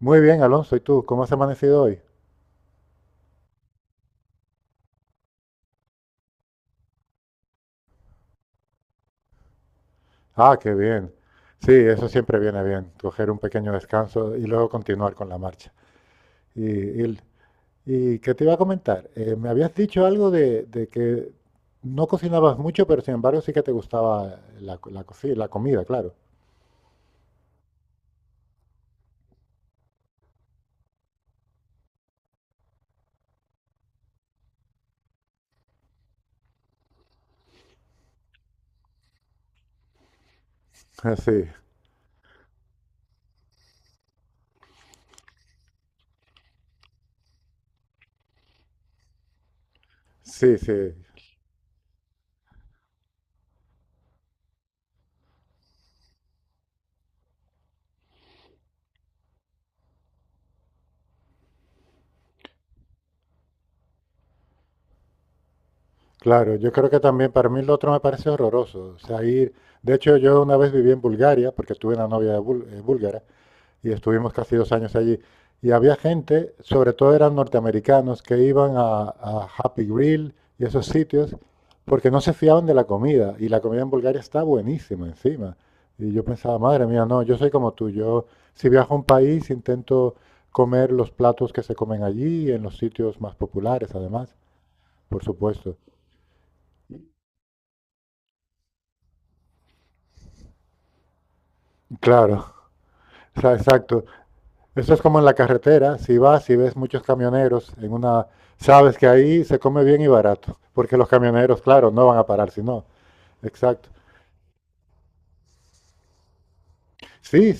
Muy bien, Alonso. ¿Y tú? ¿Cómo has amanecido hoy? Ah, qué bien. Sí, eso siempre viene bien, coger un pequeño descanso y luego continuar con la marcha. Y, y, y qué te iba a comentar. Me habías dicho algo de que no cocinabas mucho, pero sin embargo sí que te gustaba la, co- la, coci- la comida, claro. Ah, sí, sí, sí, claro. Yo creo que también para mí lo otro me parece horroroso. O sea, ir, de hecho, yo una vez viví en Bulgaria, porque tuve una novia búlgara, y estuvimos casi 2 años allí. Y había gente, sobre todo eran norteamericanos, que iban a Happy Grill y esos sitios porque no se fiaban de la comida. Y la comida en Bulgaria está buenísima encima. Y yo pensaba, madre mía, no, yo soy como tú. Yo, si viajo a un país, intento comer los platos que se comen allí, en los sitios más populares, además, por supuesto. Claro, o sea, exacto. Eso es como en la carretera, si vas y ves muchos camioneros en una, sabes que ahí se come bien y barato, porque los camioneros, claro, no van a parar si no. Exacto. Sí,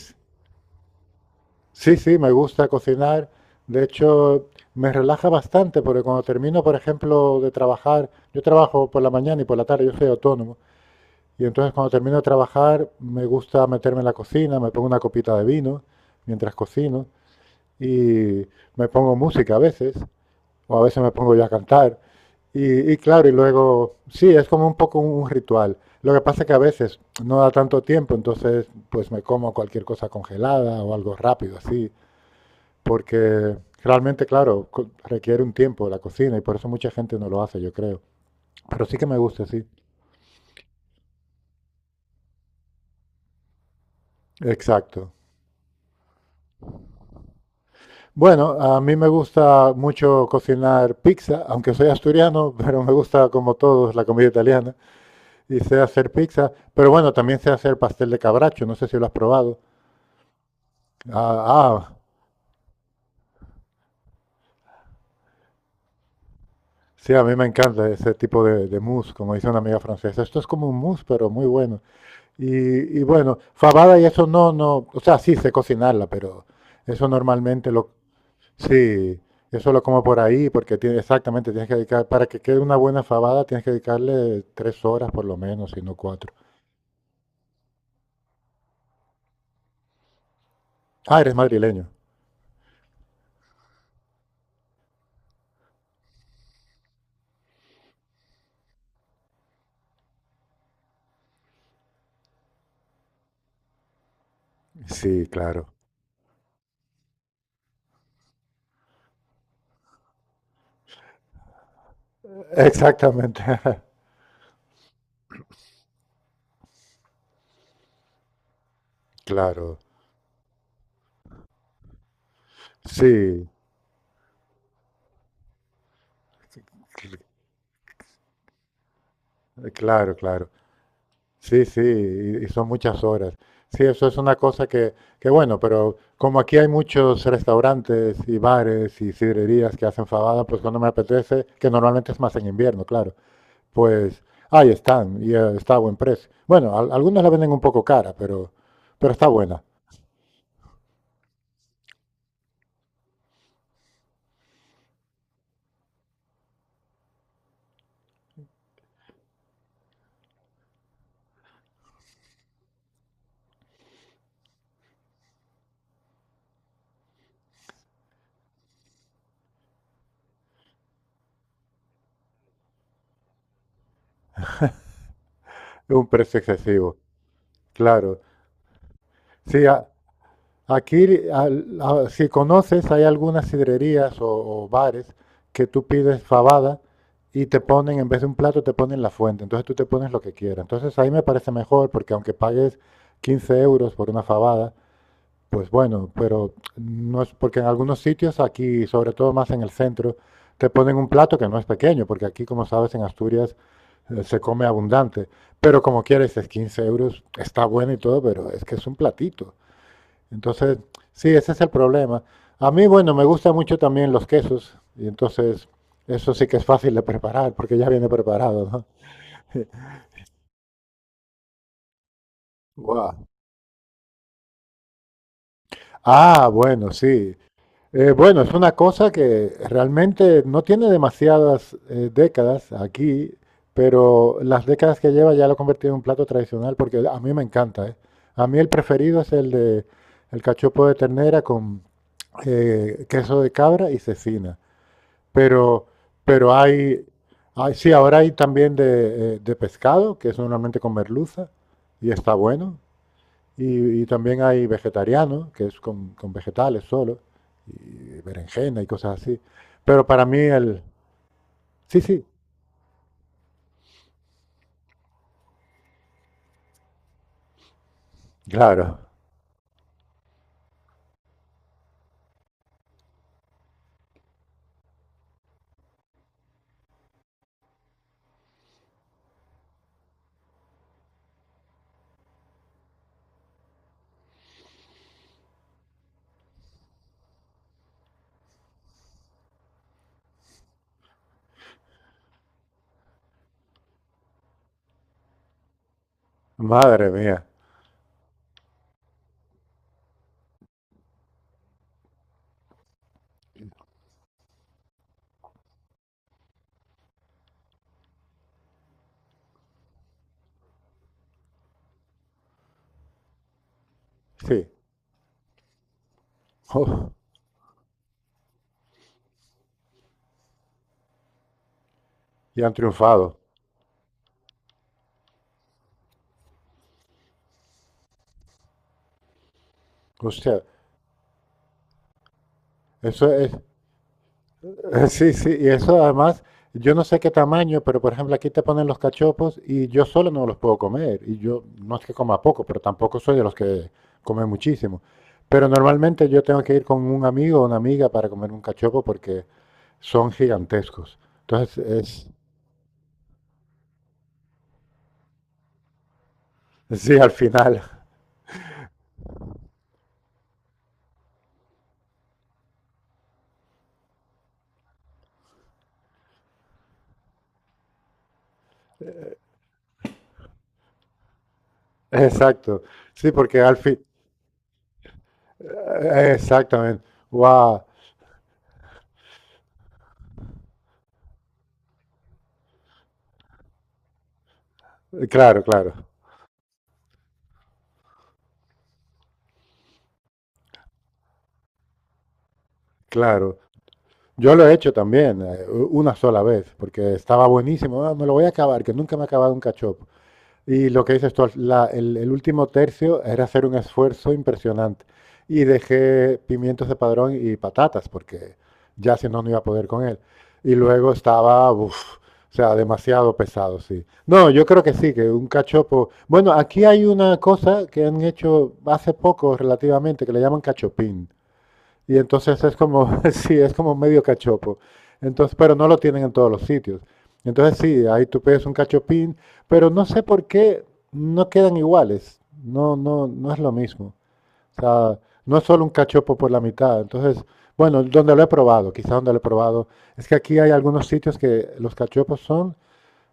sí, sí, me gusta cocinar. De hecho, me relaja bastante porque cuando termino, por ejemplo, de trabajar, yo trabajo por la mañana y por la tarde, yo soy autónomo, y entonces cuando termino de trabajar me gusta meterme en la cocina, me pongo una copita de vino mientras cocino y me pongo música a veces o a veces me pongo yo a cantar. Y claro, y luego, sí, es como un poco un, ritual. Lo que pasa es que a veces no da tanto tiempo, entonces pues me como cualquier cosa congelada o algo rápido así, porque realmente, claro, requiere un tiempo la cocina y por eso mucha gente no lo hace, yo creo. Pero sí que me gusta, sí. Exacto. Bueno, a mí me gusta mucho cocinar pizza, aunque soy asturiano, pero me gusta como todos la comida italiana. Y sé hacer pizza, pero bueno, también sé hacer pastel de cabracho, no sé si lo has probado. Ah, ah, sí, a mí me encanta ese tipo de mousse, como dice una amiga francesa. Esto es como un mousse, pero muy bueno. Y bueno, fabada y eso no, no, o sea, sí sé cocinarla, pero eso normalmente lo, sí, eso lo como por ahí, porque tiene, exactamente tienes que dedicar, para que quede una buena fabada tienes que dedicarle 3 horas por lo menos, si no cuatro. Ah, eres madrileño. Sí, claro. Exactamente. Claro. Sí, cl- claro, claro. Sí, sí, y son muchas horas. Sí, eso es una cosa que bueno, pero como aquí hay muchos restaurantes y bares y sidrerías que hacen fabada, pues cuando me apetece, que normalmente es más en invierno, claro, pues ahí están y está a buen precio. Bueno, algunos la venden un poco cara, pero está buena, un precio excesivo, claro. Sí, ah, aquí, si conoces, hay algunas sidrerías o bares que tú pides fabada y te ponen, en vez de un plato, te ponen la fuente. Entonces tú te pones lo que quieras. Entonces ahí me parece mejor porque aunque pagues 15 € por una fabada, pues bueno, pero no es porque en algunos sitios aquí, sobre todo más en el centro, te ponen un plato que no es pequeño, porque aquí, como sabes, en Asturias se come abundante. Pero como quieres, es 15 euros, está bueno y todo, pero es que es un platito. Entonces, sí, ese es el problema. A mí, bueno, me gustan mucho también los quesos y entonces eso sí que es fácil de preparar porque ya viene preparado, ¿no? Guau. Ah, bueno, sí. Bueno, es una cosa que realmente no tiene demasiadas décadas aquí, pero las décadas que lleva ya lo ha convertido en un plato tradicional porque a mí me encanta, ¿eh? A mí el preferido es el de el cachopo de ternera con queso de cabra y cecina. Pero, pero hay, sí, ahora hay también de pescado, que es normalmente con merluza, y está bueno. Y también hay vegetariano, que es con vegetales solo, y berenjena y cosas así. Pero para mí el... Sí, sí, claro. Madre mía. Sí. Oh, y han triunfado. O sea, eso es... Sí, sí, y eso además, yo no sé qué tamaño, pero por ejemplo aquí te ponen los cachopos y yo solo no los puedo comer. Y yo no es que coma poco, pero tampoco soy de los que come muchísimo. Pero normalmente yo tengo que ir con un amigo o una amiga para comer un cachopo porque son gigantescos. Entonces es, sí, al final, exacto. Sí, porque al fin, exactamente. Wow, claro, claro, claro. Yo lo he hecho también, una sola vez, porque estaba buenísimo. "Ah, me lo voy a acabar, que nunca me ha acabado un cachopo. Y lo que dices tú, el último tercio era hacer un esfuerzo impresionante. Y dejé pimientos de padrón y patatas, porque ya si no, no iba a poder con él. Y luego estaba, uf, o sea, demasiado pesado, sí. No, yo creo que sí, que un cachopo. Bueno, aquí hay una cosa que han hecho hace poco relativamente, que le llaman cachopín. Y entonces es como, sí, es como medio cachopo. Entonces, pero no lo tienen en todos los sitios. Entonces sí, ahí tú pides un cachopín, pero no sé por qué no quedan iguales. No, no, no es lo mismo. O sea, no es solo un cachopo por la mitad. Entonces, bueno, donde lo he probado, quizá donde lo he probado, es que aquí hay algunos sitios que los cachopos son,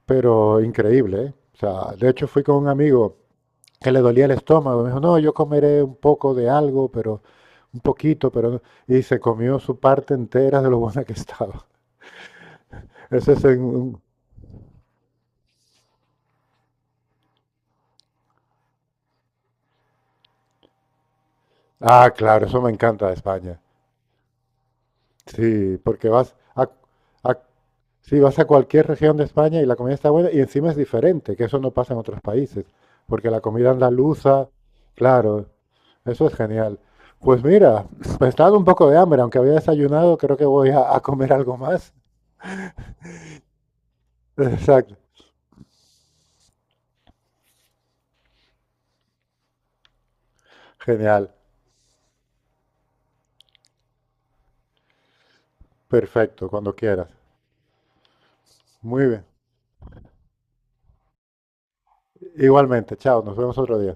pero increíble, ¿eh? O sea, de hecho fui con un amigo que le dolía el estómago. Me dijo, no, yo comeré un poco de algo, pero un poquito, pero no- y se comió su parte entera de lo buena que estaba. Ese es en un- ah, claro, eso me encanta de España. Sí, porque vas a, a- sí, vas a cualquier región de España y la comida está buena y encima es diferente, que eso no pasa en otros países, porque la comida andaluza, claro, eso es genial. Pues mira, me está dando un poco de hambre, aunque había desayunado, creo que voy a comer algo más. Exacto, genial, perfecto, cuando quieras. Muy bien. Igualmente, chao, nos vemos otro día.